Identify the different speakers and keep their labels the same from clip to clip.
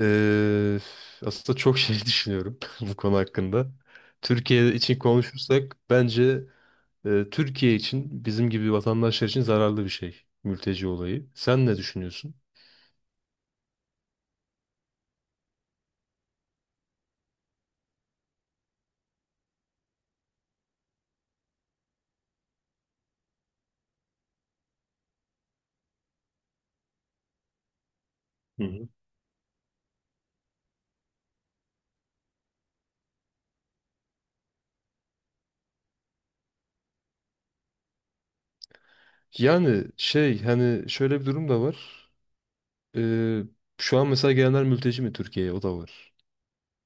Speaker 1: Eee, Aslında çok şey düşünüyorum bu konu hakkında. Türkiye için konuşursak bence Türkiye için bizim gibi vatandaşlar için zararlı bir şey mülteci olayı. Sen ne düşünüyorsun? Hı hı. Yani şey hani şöyle bir durum da var. Eee, Şu an mesela gelenler mülteci mi Türkiye'ye? O da var.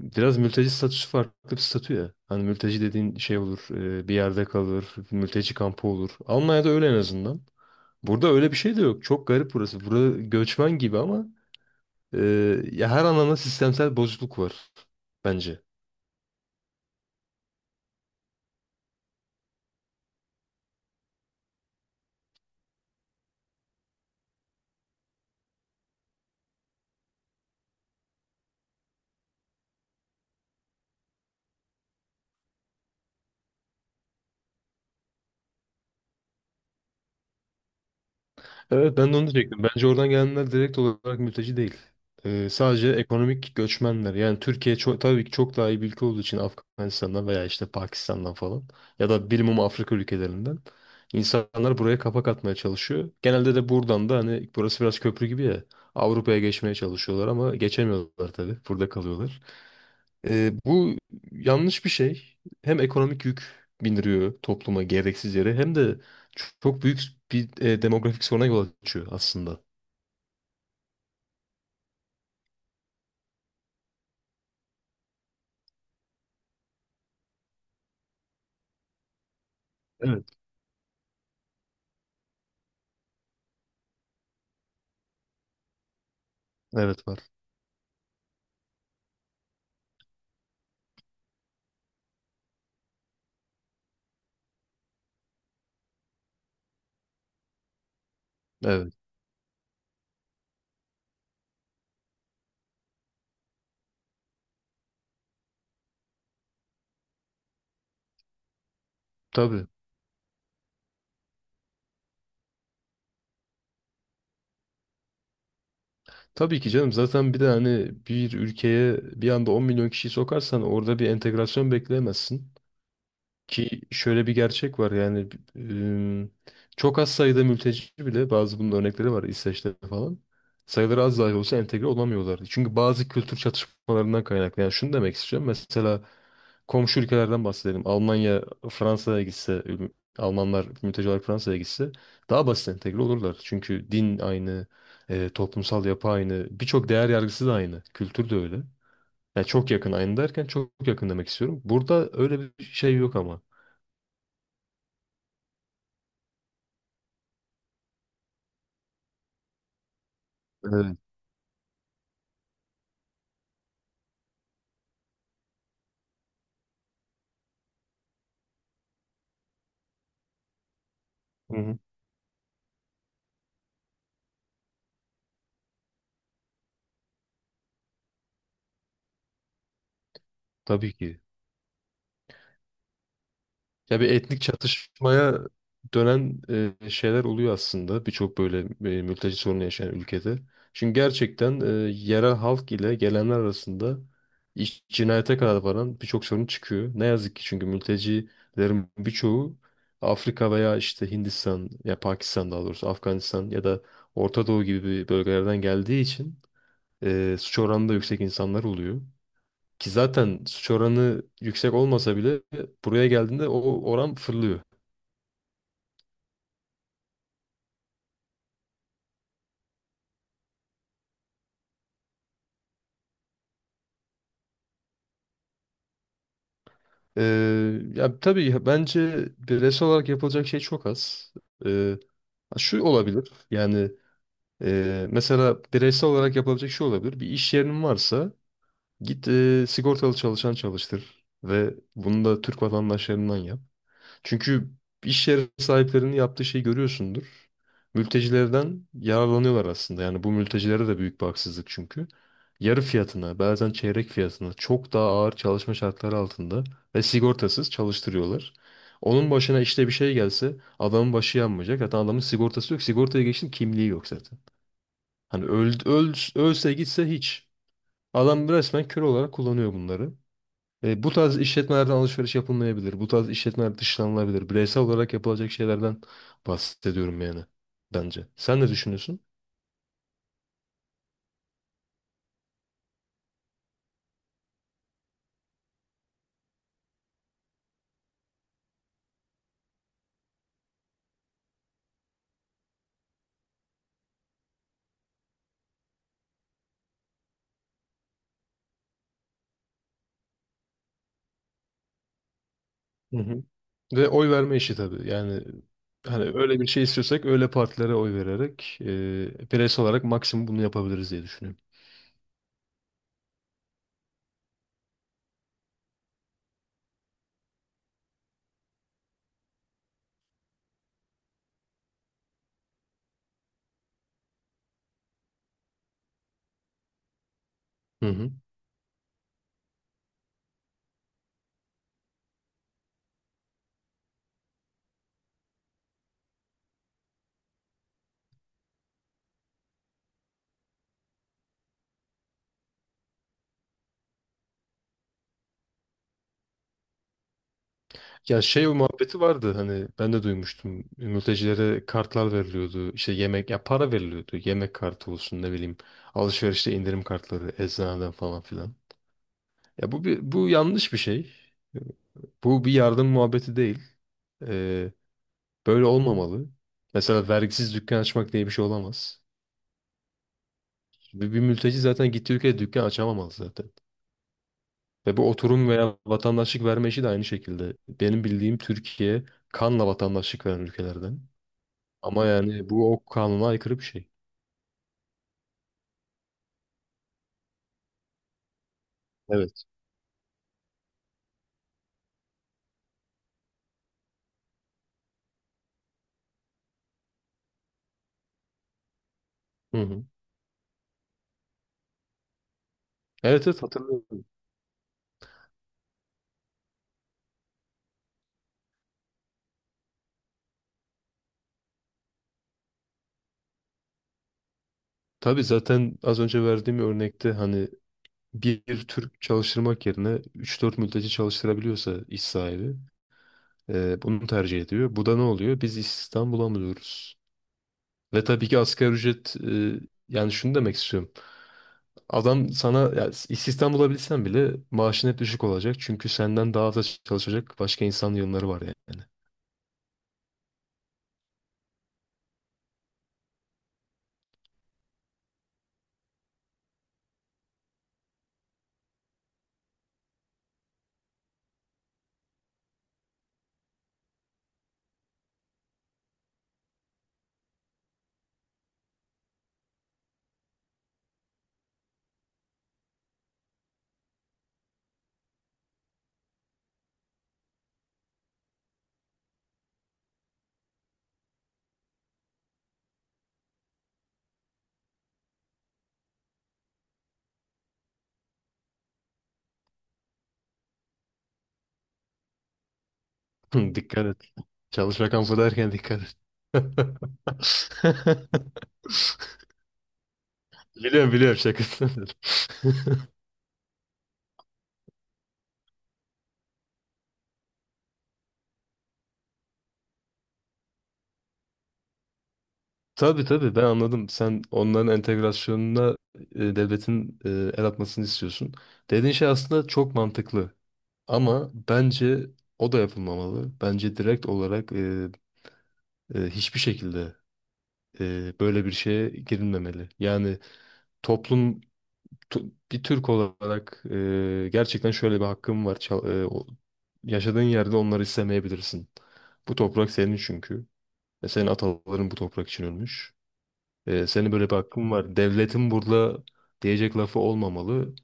Speaker 1: Biraz mülteci statüsü farklı bir statü ya. Hani mülteci dediğin şey olur, bir yerde kalır, mülteci kampı olur. Almanya'da öyle en azından. Burada öyle bir şey de yok. Çok garip burası. Burada göçmen gibi ama e, ya her anlamda sistemsel bozukluk var bence. Evet ben de onu diyecektim. Bence oradan gelenler direkt olarak mülteci değil. Sadece ekonomik göçmenler. Yani Türkiye çok, tabii ki çok daha iyi bir ülke olduğu için Afganistan'dan veya işte Pakistan'dan falan ya da bilmem Afrika ülkelerinden insanlar buraya kapak atmaya çalışıyor. Genelde de buradan da hani burası biraz köprü gibi ya Avrupa'ya geçmeye çalışıyorlar ama geçemiyorlar tabii. Burada kalıyorlar. Bu yanlış bir şey. Hem ekonomik yük bindiriyor topluma gereksiz yere hem de çok büyük bir demografik soruna yol açıyor aslında. Evet. Evet var. Evet. Tabii. Tabii ki canım. Zaten bir de hani bir ülkeye bir anda 10 milyon kişiyi sokarsan orada bir entegrasyon bekleyemezsin. Ki şöyle bir gerçek var yani ım, çok az sayıda mülteci bile bazı bunun örnekleri var İsveç'te falan. Sayıları az dahi olsa entegre olamıyorlar. Çünkü bazı kültür çatışmalarından kaynaklı. Yani şunu demek istiyorum. Mesela komşu ülkelerden bahsedelim. Almanya Fransa'ya gitse, Almanlar mülteci olarak Fransa'ya gitse daha basit entegre olurlar. Çünkü din aynı, toplumsal yapı aynı, birçok değer yargısı da aynı, kültür de öyle. Yani çok yakın aynı derken çok yakın demek istiyorum. Burada öyle bir şey yok ama. Hı hı. Tabii ki. Ya bir etnik çatışmaya dönen şeyler oluyor aslında birçok böyle mülteci sorunu yaşayan ülkede. Çünkü gerçekten yerel halk ile gelenler arasında iş, cinayete kadar varan birçok sorun çıkıyor. Ne yazık ki çünkü mültecilerin birçoğu Afrika veya işte Hindistan ya Pakistan daha doğrusu Afganistan ya da Orta Doğu gibi bölgelerden geldiği için suç oranı da yüksek insanlar oluyor. Ki zaten suç oranı yüksek olmasa bile buraya geldiğinde o oran fırlıyor. Ya tabii bence bireysel olarak yapılacak şey çok az. Ee, Şu olabilir yani mesela bireysel olarak yapılabilecek şey olabilir. Bir iş yerinin varsa git sigortalı çalışan çalıştır ve bunu da Türk vatandaşlarından yap. Çünkü iş yeri sahiplerinin yaptığı şeyi görüyorsundur. Mültecilerden yararlanıyorlar aslında. Yani bu mültecilere de büyük bir haksızlık çünkü. Yarı fiyatına, bazen çeyrek fiyatına çok daha ağır çalışma şartları altında ve sigortasız çalıştırıyorlar. Onun başına işte bir şey gelse adamın başı yanmayacak. Zaten adamın sigortası yok. Sigortaya geçtim kimliği yok zaten. Hani ölse gitse hiç. Adam resmen kör olarak kullanıyor bunları. Bu tarz işletmelerden alışveriş yapılmayabilir. Bu tarz işletmeler dışlanılabilir. Bireysel olarak yapılacak şeylerden bahsediyorum yani bence. Sen ne düşünüyorsun? Hı hı. Ve oy verme işi tabii. Yani hani öyle bir şey istiyorsak öyle partilere oy vererek bireysel olarak maksimum bunu yapabiliriz diye düşünüyorum. Hı hı. Ya şey o muhabbeti vardı hani ben de duymuştum. Mültecilere kartlar veriliyordu. İşte yemek ya para veriliyordu. Yemek kartı olsun ne bileyim. Alışverişte indirim kartları eczaneden falan filan. Ya bu yanlış bir şey. Bu bir yardım muhabbeti değil. Ee, Böyle olmamalı. Mesela vergisiz dükkan açmak diye bir şey olamaz. Bir mülteci zaten gittiği ülkede dükkan açamamalı zaten. Ve bu oturum veya vatandaşlık verme işi de aynı şekilde. Benim bildiğim Türkiye kanla vatandaşlık veren ülkelerden. Ama yani bu o kanuna aykırı bir şey. Evet. Hı hı. Evet, evet, hatırlıyorum. Tabii zaten az önce verdiğim örnekte hani bir Türk çalıştırmak yerine üç dört mülteci çalıştırabiliyorsa iş sahibi bunu tercih ediyor. Bu da ne oluyor? Biz istihdam bulamıyoruz. Ve tabii ki asgari ücret yani şunu demek istiyorum. Adam sana ya, istihdam bulabilsen bile maaşın hep düşük olacak. Çünkü senden daha da çalışacak başka insan yığınları var yani. Hı, dikkat et. Çalışma kampı derken dikkat et. Biliyorum, biliyorum, şakasını dedim. Tabii, tabii, ben anladım. Sen onların entegrasyonuna devletin el atmasını istiyorsun. Dediğin şey aslında çok mantıklı. Ama bence o da yapılmamalı. Bence direkt olarak hiçbir şekilde böyle bir şeye girilmemeli. Yani toplum bir Türk olarak gerçekten şöyle bir hakkım var. Yaşadığın yerde onları istemeyebilirsin. Bu toprak senin çünkü. Ve senin ataların bu toprak için ölmüş. Senin böyle bir hakkın var. Devletin burada diyecek lafı olmamalı.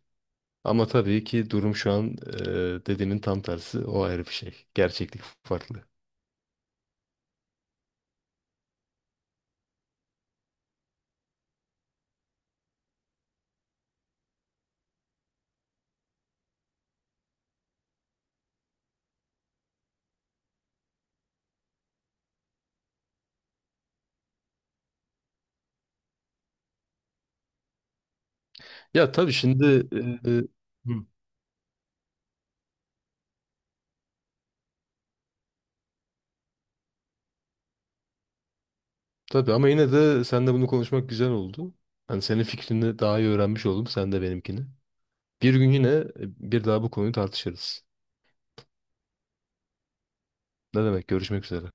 Speaker 1: Ama tabii ki durum şu an dediğinin tam tersi. O ayrı bir şey. Gerçeklik farklı. Ya tabii şimdi e, e, hı, tabii ama yine de seninle bunu konuşmak güzel oldu. Hani senin fikrini daha iyi öğrenmiş oldum. Sen de benimkini. Bir gün yine bir daha bu konuyu tartışırız. Ne demek? Görüşmek üzere.